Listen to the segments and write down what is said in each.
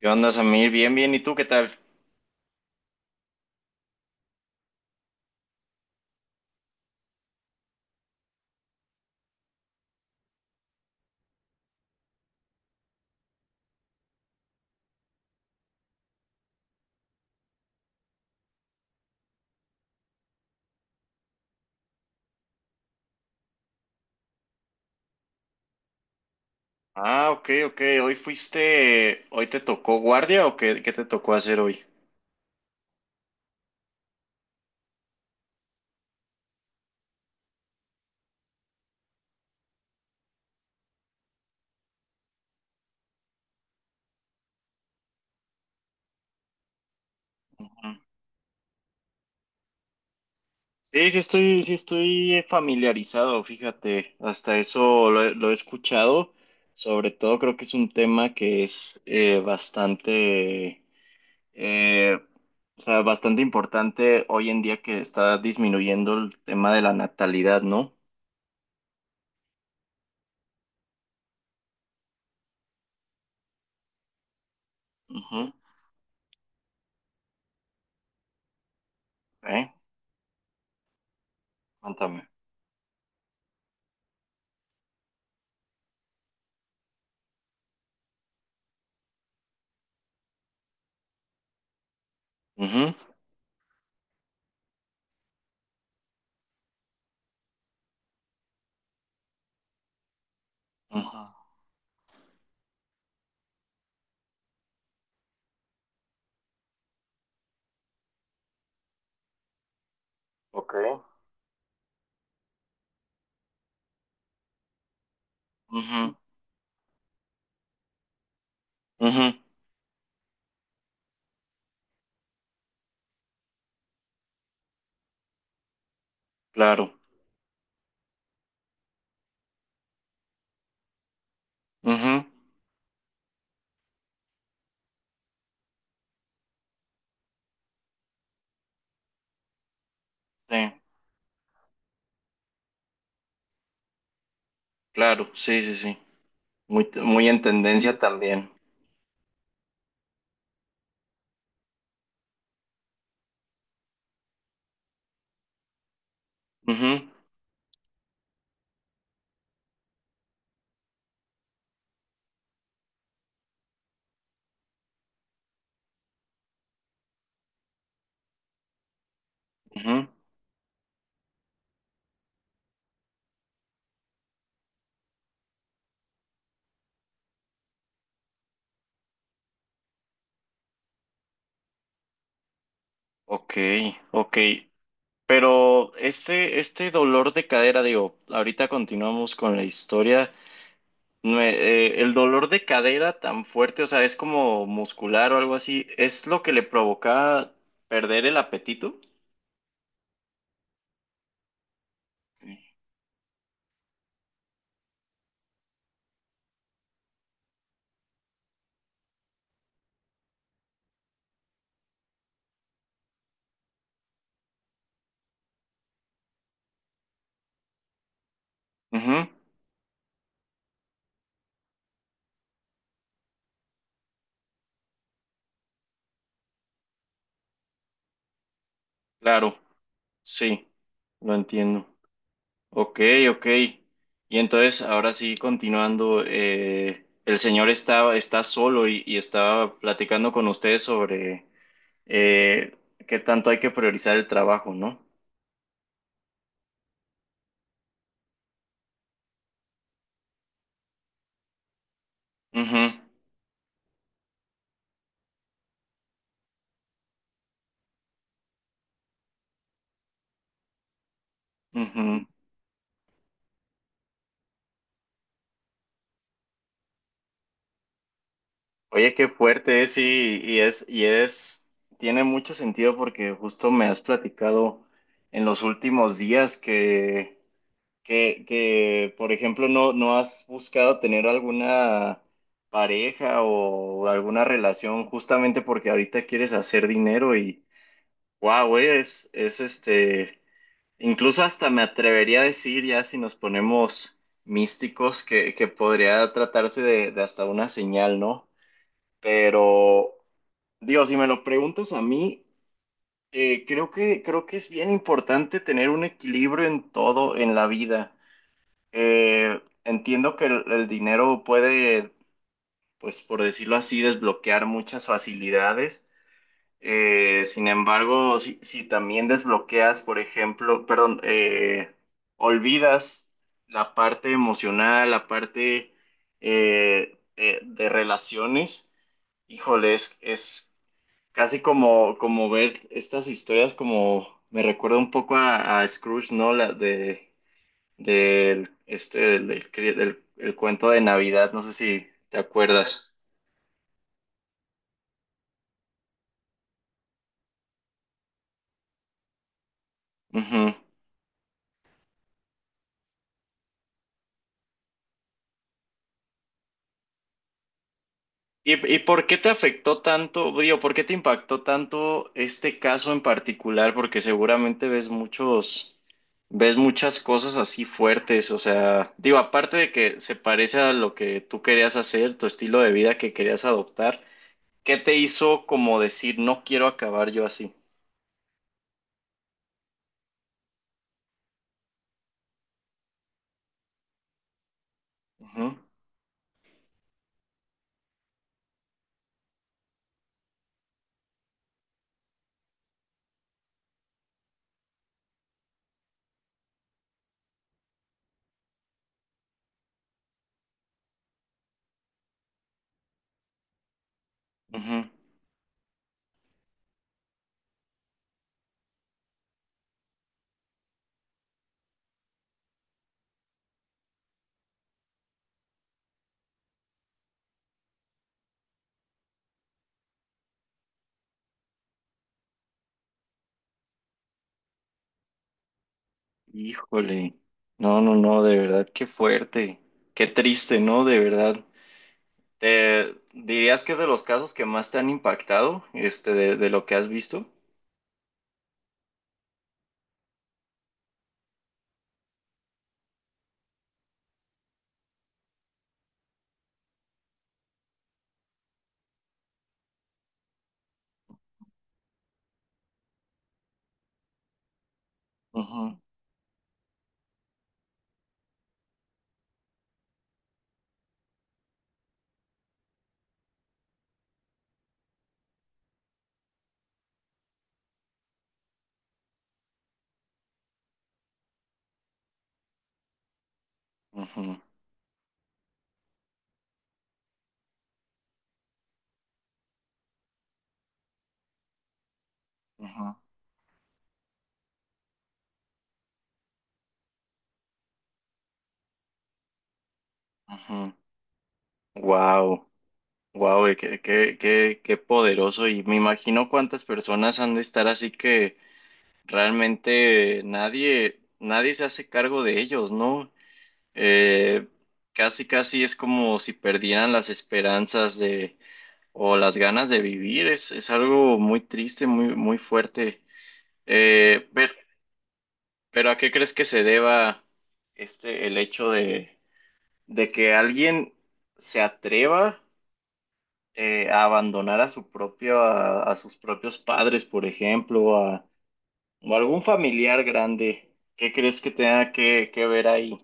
¿Qué onda, Samir? Bien, bien. ¿Y tú qué tal? Ah, ok, ok. ¿Hoy fuiste, hoy te tocó guardia o qué qué te tocó hacer hoy? Ujú. Sí, estoy familiarizado, fíjate. Hasta eso lo he escuchado. Sobre todo creo que es un tema que es bastante, eh, o sea, bastante importante hoy en día que está disminuyendo el tema de la natalidad, ¿no? Ujú. Ok. Cuéntame. Ujú. Ujú. Ok. Ujú. Ujú, claro. Ujú, sí, claro. Sí, sí, sí. Muy, muy en tendencia también. Ujú, ujú. Ok, ok. Pero este dolor de cadera, digo, ahorita continuamos con la historia. El dolor de cadera tan fuerte, o sea, es como muscular o algo así, ¿es lo que le provocaba perder el apetito? Sí. Ujú, claro, sí, lo entiendo. Ok, ok. Y entonces, ahora sí, continuando, el señor está solo y estaba platicando con ustedes sobre eh, qué tanto hay que priorizar el trabajo, ¿no? Ujú, ujú. Oye, qué fuerte es, y es, tiene mucho sentido porque justo me has platicado en los últimos días que, por ejemplo, no has buscado tener alguna pareja o alguna relación justamente porque ahorita quieres hacer dinero y, wow, es, incluso hasta me atrevería a decir ya si nos ponemos místicos que podría tratarse de hasta una señal, ¿no? Pero, digo, si me lo preguntas a mí, creo creo que es bien importante tener un equilibrio en todo en la vida. Eh, entiendo que el dinero puede, pues por decirlo así, desbloquear muchas facilidades. Sin embargo, si también desbloqueas, por ejemplo, perdón, olvidas la parte emocional, la parte de relaciones, híjole, es casi como, como ver estas historias como me recuerda un poco a Scrooge, ¿no? La de del, del, el cuento de Navidad, no sé si te acuerdas. Ujú. Y por qué te afectó tanto, digo, por qué te impactó tanto este caso en particular? Porque seguramente ves muchos, ves muchas cosas así fuertes, o sea, digo, aparte de que se parece a lo que tú querías hacer, tu estilo de vida que querías adoptar, ¿qué te hizo como decir, no quiero acabar yo así? Ujú, ujú. Híjole, no, no, no, de verdad, qué fuerte, qué triste, ¿no? De verdad. ¿Te dirías que es de los casos que más te han impactado, este, de lo que has visto? Ujú, ujú, ujú, ujú. Wow, wow, y qué, qué, qué, qué poderoso. Y me imagino cuántas personas han de estar así que realmente nadie, nadie se hace cargo de ellos, ¿no? Eh, casi, casi es como si perdieran las esperanzas de o las ganas de vivir. Es algo muy triste, muy, muy fuerte. Eh, pero, pero ¿a qué crees que se deba el hecho de que alguien se atreva a abandonar a su propio, a sus propios padres, por ejemplo, a, o algún familiar grande? ¿Qué crees que tenga que ver ahí?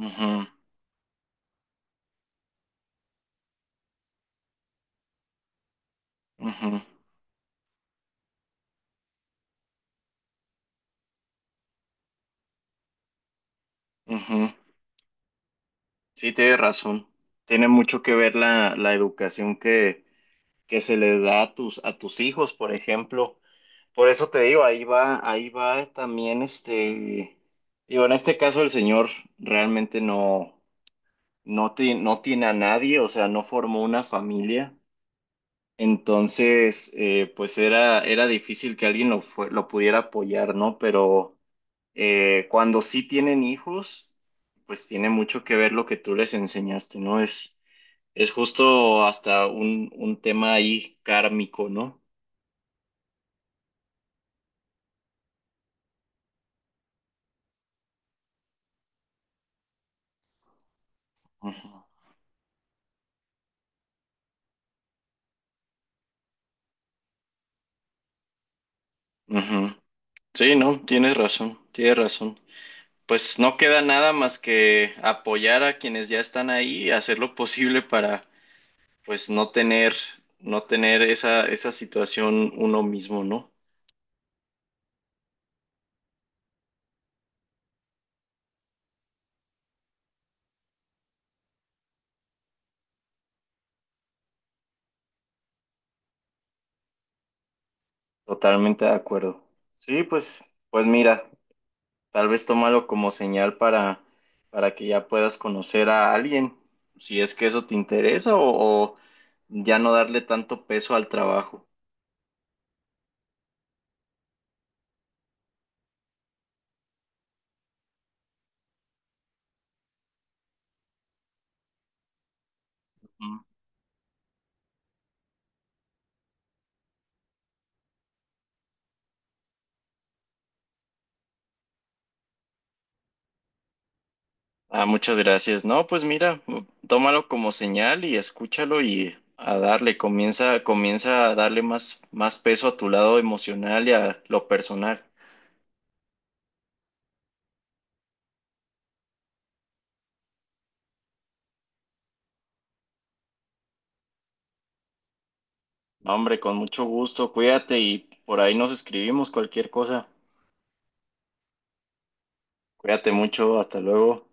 Ujú, ujú, ujú. Sí, tienes razón. Tiene mucho que ver la educación que se les da a tus hijos, por ejemplo. Por eso te digo, ahí va también este, digo, en este caso el señor realmente no tiene a nadie, o sea, no formó una familia. Entonces, pues era, era difícil que alguien lo pudiera apoyar, ¿no? Pero cuando sí tienen hijos, pues tiene mucho que ver lo que tú les enseñaste, ¿no? Es justo hasta un tema ahí kármico, ¿no? Ujú, ujú. Sí, no, tienes razón, tienes razón. Pues no queda nada más que apoyar a quienes ya están ahí, hacer lo posible para, pues, no tener, no tener esa, esa situación uno mismo, ¿no? Totalmente de acuerdo. Sí, pues, pues mira, tal vez tómalo como señal para que ya puedas conocer a alguien, si es que eso te interesa, o ya no darle tanto peso al trabajo. Ah, muchas gracias. No, pues mira, tómalo como señal y escúchalo y a darle, comienza, comienza a darle más, más peso a tu lado emocional y a lo personal. No, hombre, con mucho gusto, cuídate y por ahí nos escribimos cualquier cosa. Cuídate mucho, hasta luego.